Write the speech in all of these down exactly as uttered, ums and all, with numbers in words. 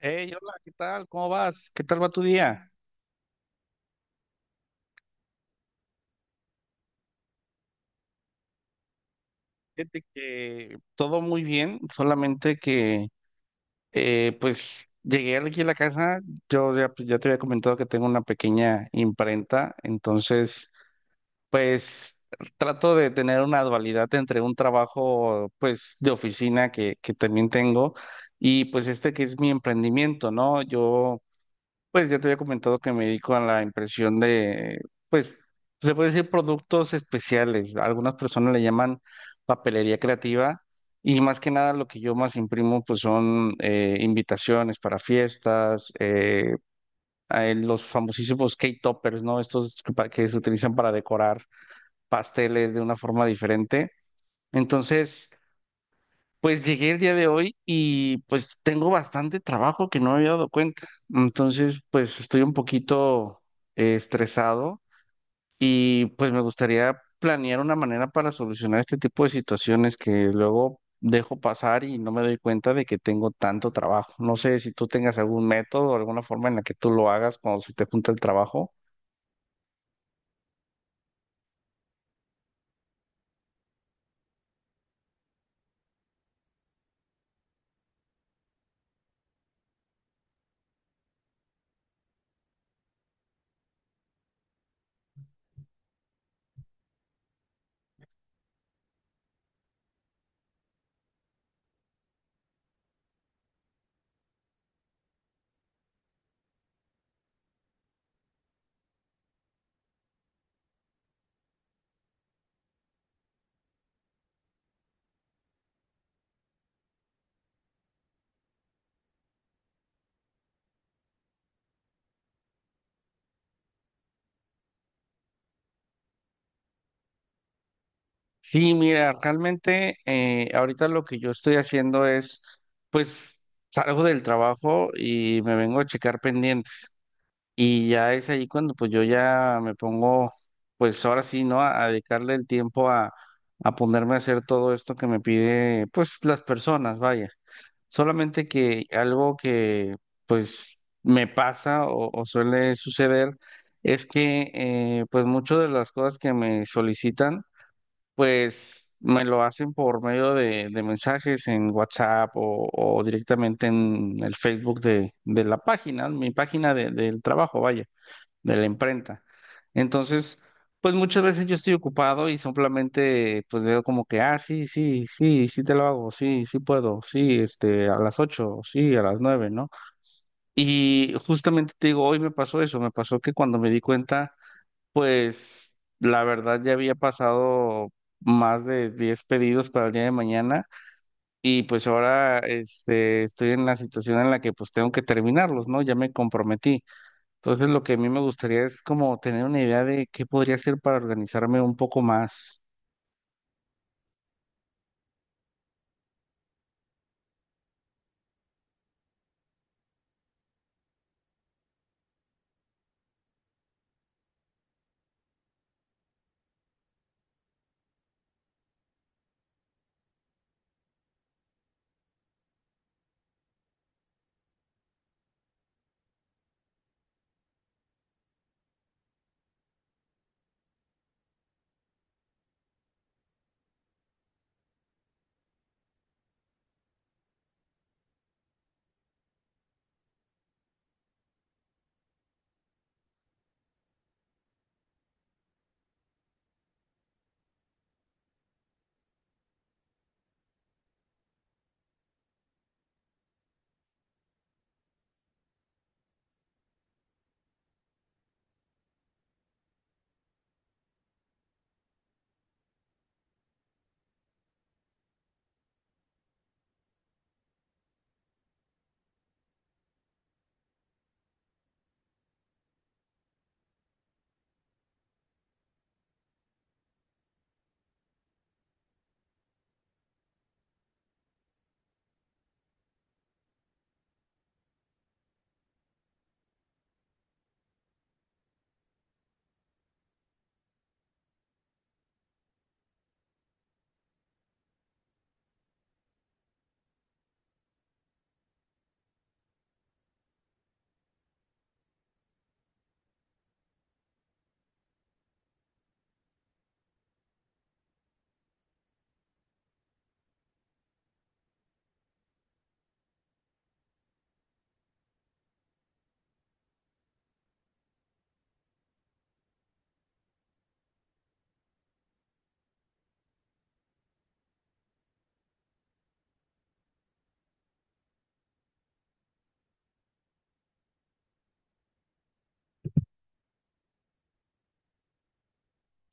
Hey, hola, ¿qué tal? ¿Cómo vas? ¿Qué tal va tu día? Fíjate que todo muy bien, solamente que eh, pues llegué aquí a la casa. Yo ya, pues, ya te había comentado que tengo una pequeña imprenta. Entonces, pues trato de tener una dualidad entre un trabajo pues de oficina que, que también tengo, y pues este que es mi emprendimiento, ¿no? Yo Pues ya te había comentado que me dedico a la impresión de, pues, se puede decir, productos especiales. Algunas personas le llaman papelería creativa, y más que nada lo que yo más imprimo pues son eh, invitaciones para fiestas, eh, eh, los famosísimos cake toppers, ¿no? Estos que, pa- que se utilizan para decorar pasteles de una forma diferente. Entonces... Pues llegué el día de hoy y pues tengo bastante trabajo que no me había dado cuenta. Entonces, pues estoy un poquito eh, estresado, y pues me gustaría planear una manera para solucionar este tipo de situaciones que luego dejo pasar y no me doy cuenta de que tengo tanto trabajo. No sé si tú tengas algún método o alguna forma en la que tú lo hagas cuando se te junta el trabajo. Sí, mira, realmente eh, ahorita lo que yo estoy haciendo es, pues, salgo del trabajo y me vengo a checar pendientes. Y ya es ahí cuando pues yo ya me pongo, pues ahora sí, ¿no? A, a dedicarle el tiempo a, a ponerme a hacer todo esto que me pide, pues, las personas, vaya. Solamente que algo que pues me pasa o, o suele suceder es que eh, pues muchas de las cosas que me solicitan, pues me lo hacen por medio de, de mensajes en WhatsApp o, o directamente en el Facebook de, de la página, mi página de- del trabajo, vaya, de la imprenta. Entonces, pues muchas veces yo estoy ocupado y simplemente pues veo como que, ah, sí, sí, sí, sí te lo hago, sí, sí puedo, sí, este, a las ocho, sí, a las nueve, ¿no? Y justamente te digo, hoy me pasó eso, me pasó que cuando me di cuenta, pues, la verdad, ya había pasado más de diez pedidos para el día de mañana, y pues ahora, este, estoy en la situación en la que pues tengo que terminarlos, ¿no? Ya me comprometí. Entonces, lo que a mí me gustaría es como tener una idea de qué podría hacer para organizarme un poco más.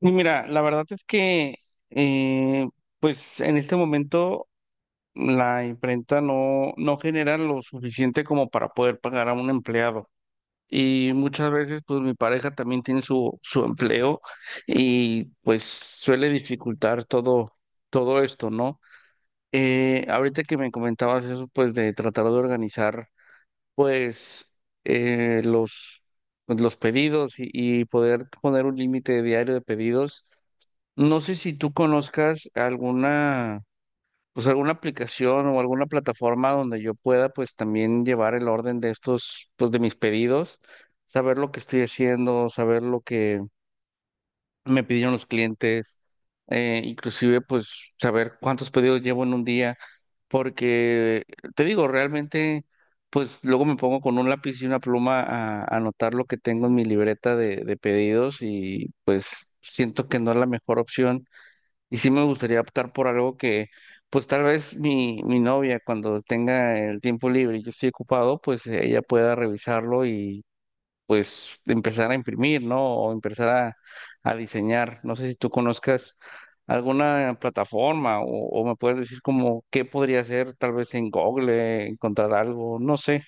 Y mira, la verdad es que eh, pues en este momento la imprenta no, no genera lo suficiente como para poder pagar a un empleado. Y muchas veces, pues, mi pareja también tiene su, su empleo, y pues suele dificultar todo, todo esto, ¿no? Eh, ahorita que me comentabas eso, pues de tratar de organizar, pues, eh, los, pues, los pedidos, y, y poder poner un límite diario de pedidos. No sé si tú conozcas alguna, pues, alguna aplicación o alguna plataforma donde yo pueda pues también llevar el orden de estos, pues, de mis pedidos, saber lo que estoy haciendo, saber lo que me pidieron los clientes, eh, inclusive pues saber cuántos pedidos llevo en un día, porque, te digo, realmente pues luego me pongo con un lápiz y una pluma a, a anotar lo que tengo en mi libreta de, de pedidos y siento que no es la mejor opción, y sí me gustaría optar por algo que, pues, tal vez mi, mi novia cuando tenga el tiempo libre y yo estoy ocupado, pues ella pueda revisarlo y pues empezar a imprimir, ¿no? O empezar a, a, diseñar. No sé si tú conozcas alguna plataforma o, o me puedes decir como qué podría hacer, tal vez en Google, encontrar algo, no sé.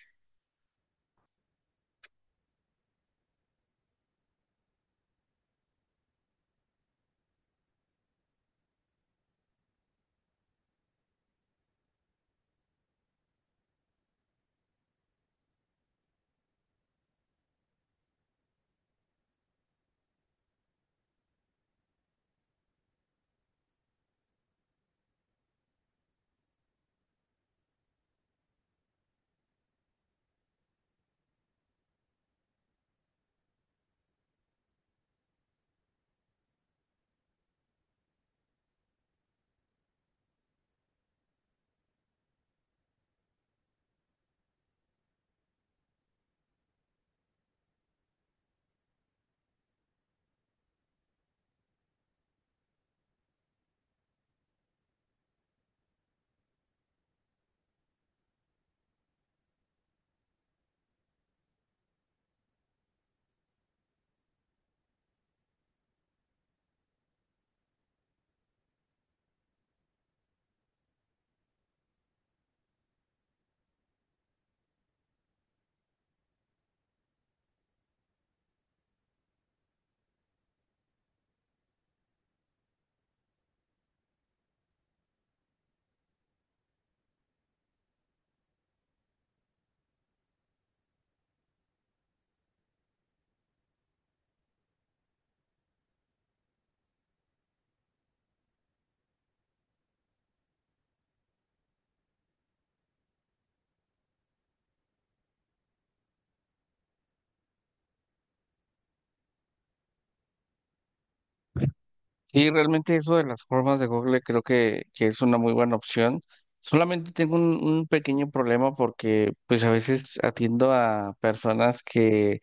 Sí, realmente eso de las formas de Google creo que, que es una muy buena opción. Solamente tengo un, un pequeño problema porque pues a veces atiendo a personas que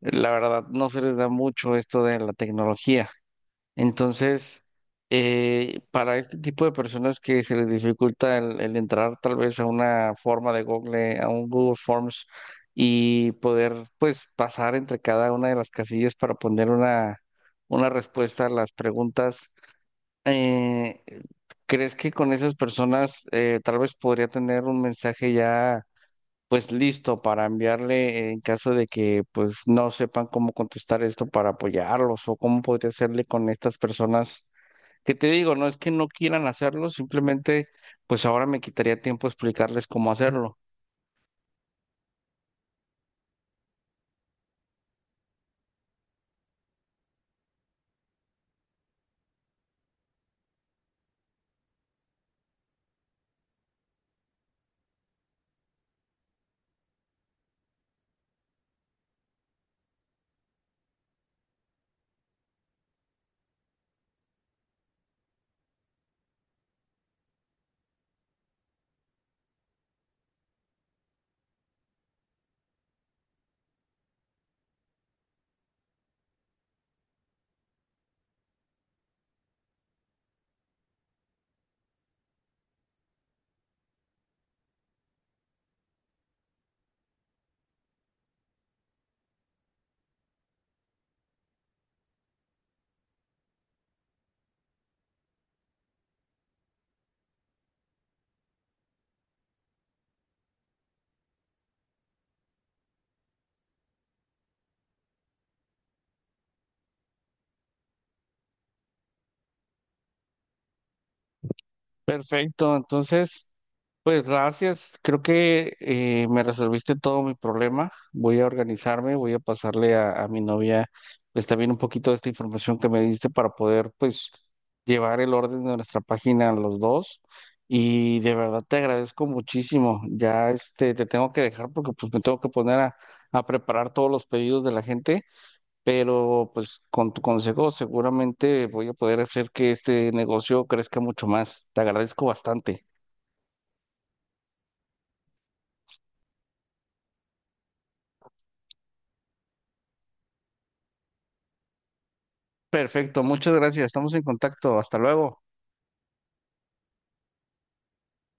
la verdad no se les da mucho esto de la tecnología. Entonces, eh, para este tipo de personas que se les dificulta el, el entrar tal vez a una forma de Google, a un Google Forms, y poder pues pasar entre cada una de las casillas para poner una, una respuesta a las preguntas, eh, ¿crees que con esas personas, eh, tal vez podría tener un mensaje ya, pues, listo para enviarle en caso de que pues no sepan cómo contestar esto, para apoyarlos? ¿O cómo podría hacerle con estas personas? Que, te digo, no es que no quieran hacerlo, simplemente pues ahora me quitaría tiempo explicarles cómo hacerlo. Perfecto, entonces... Pues gracias, creo que eh, me resolviste todo mi problema. Voy a organizarme, voy a pasarle a, a, mi novia pues también un poquito de esta información que me diste para poder, pues, llevar el orden de nuestra página a los dos. Y de verdad te agradezco muchísimo. Ya, este, te tengo que dejar porque pues me tengo que poner a, a, preparar todos los pedidos de la gente, pero pues con tu consejo seguramente voy a poder hacer que este negocio crezca mucho más. Te agradezco bastante. Perfecto, muchas gracias. Estamos en contacto. Hasta luego.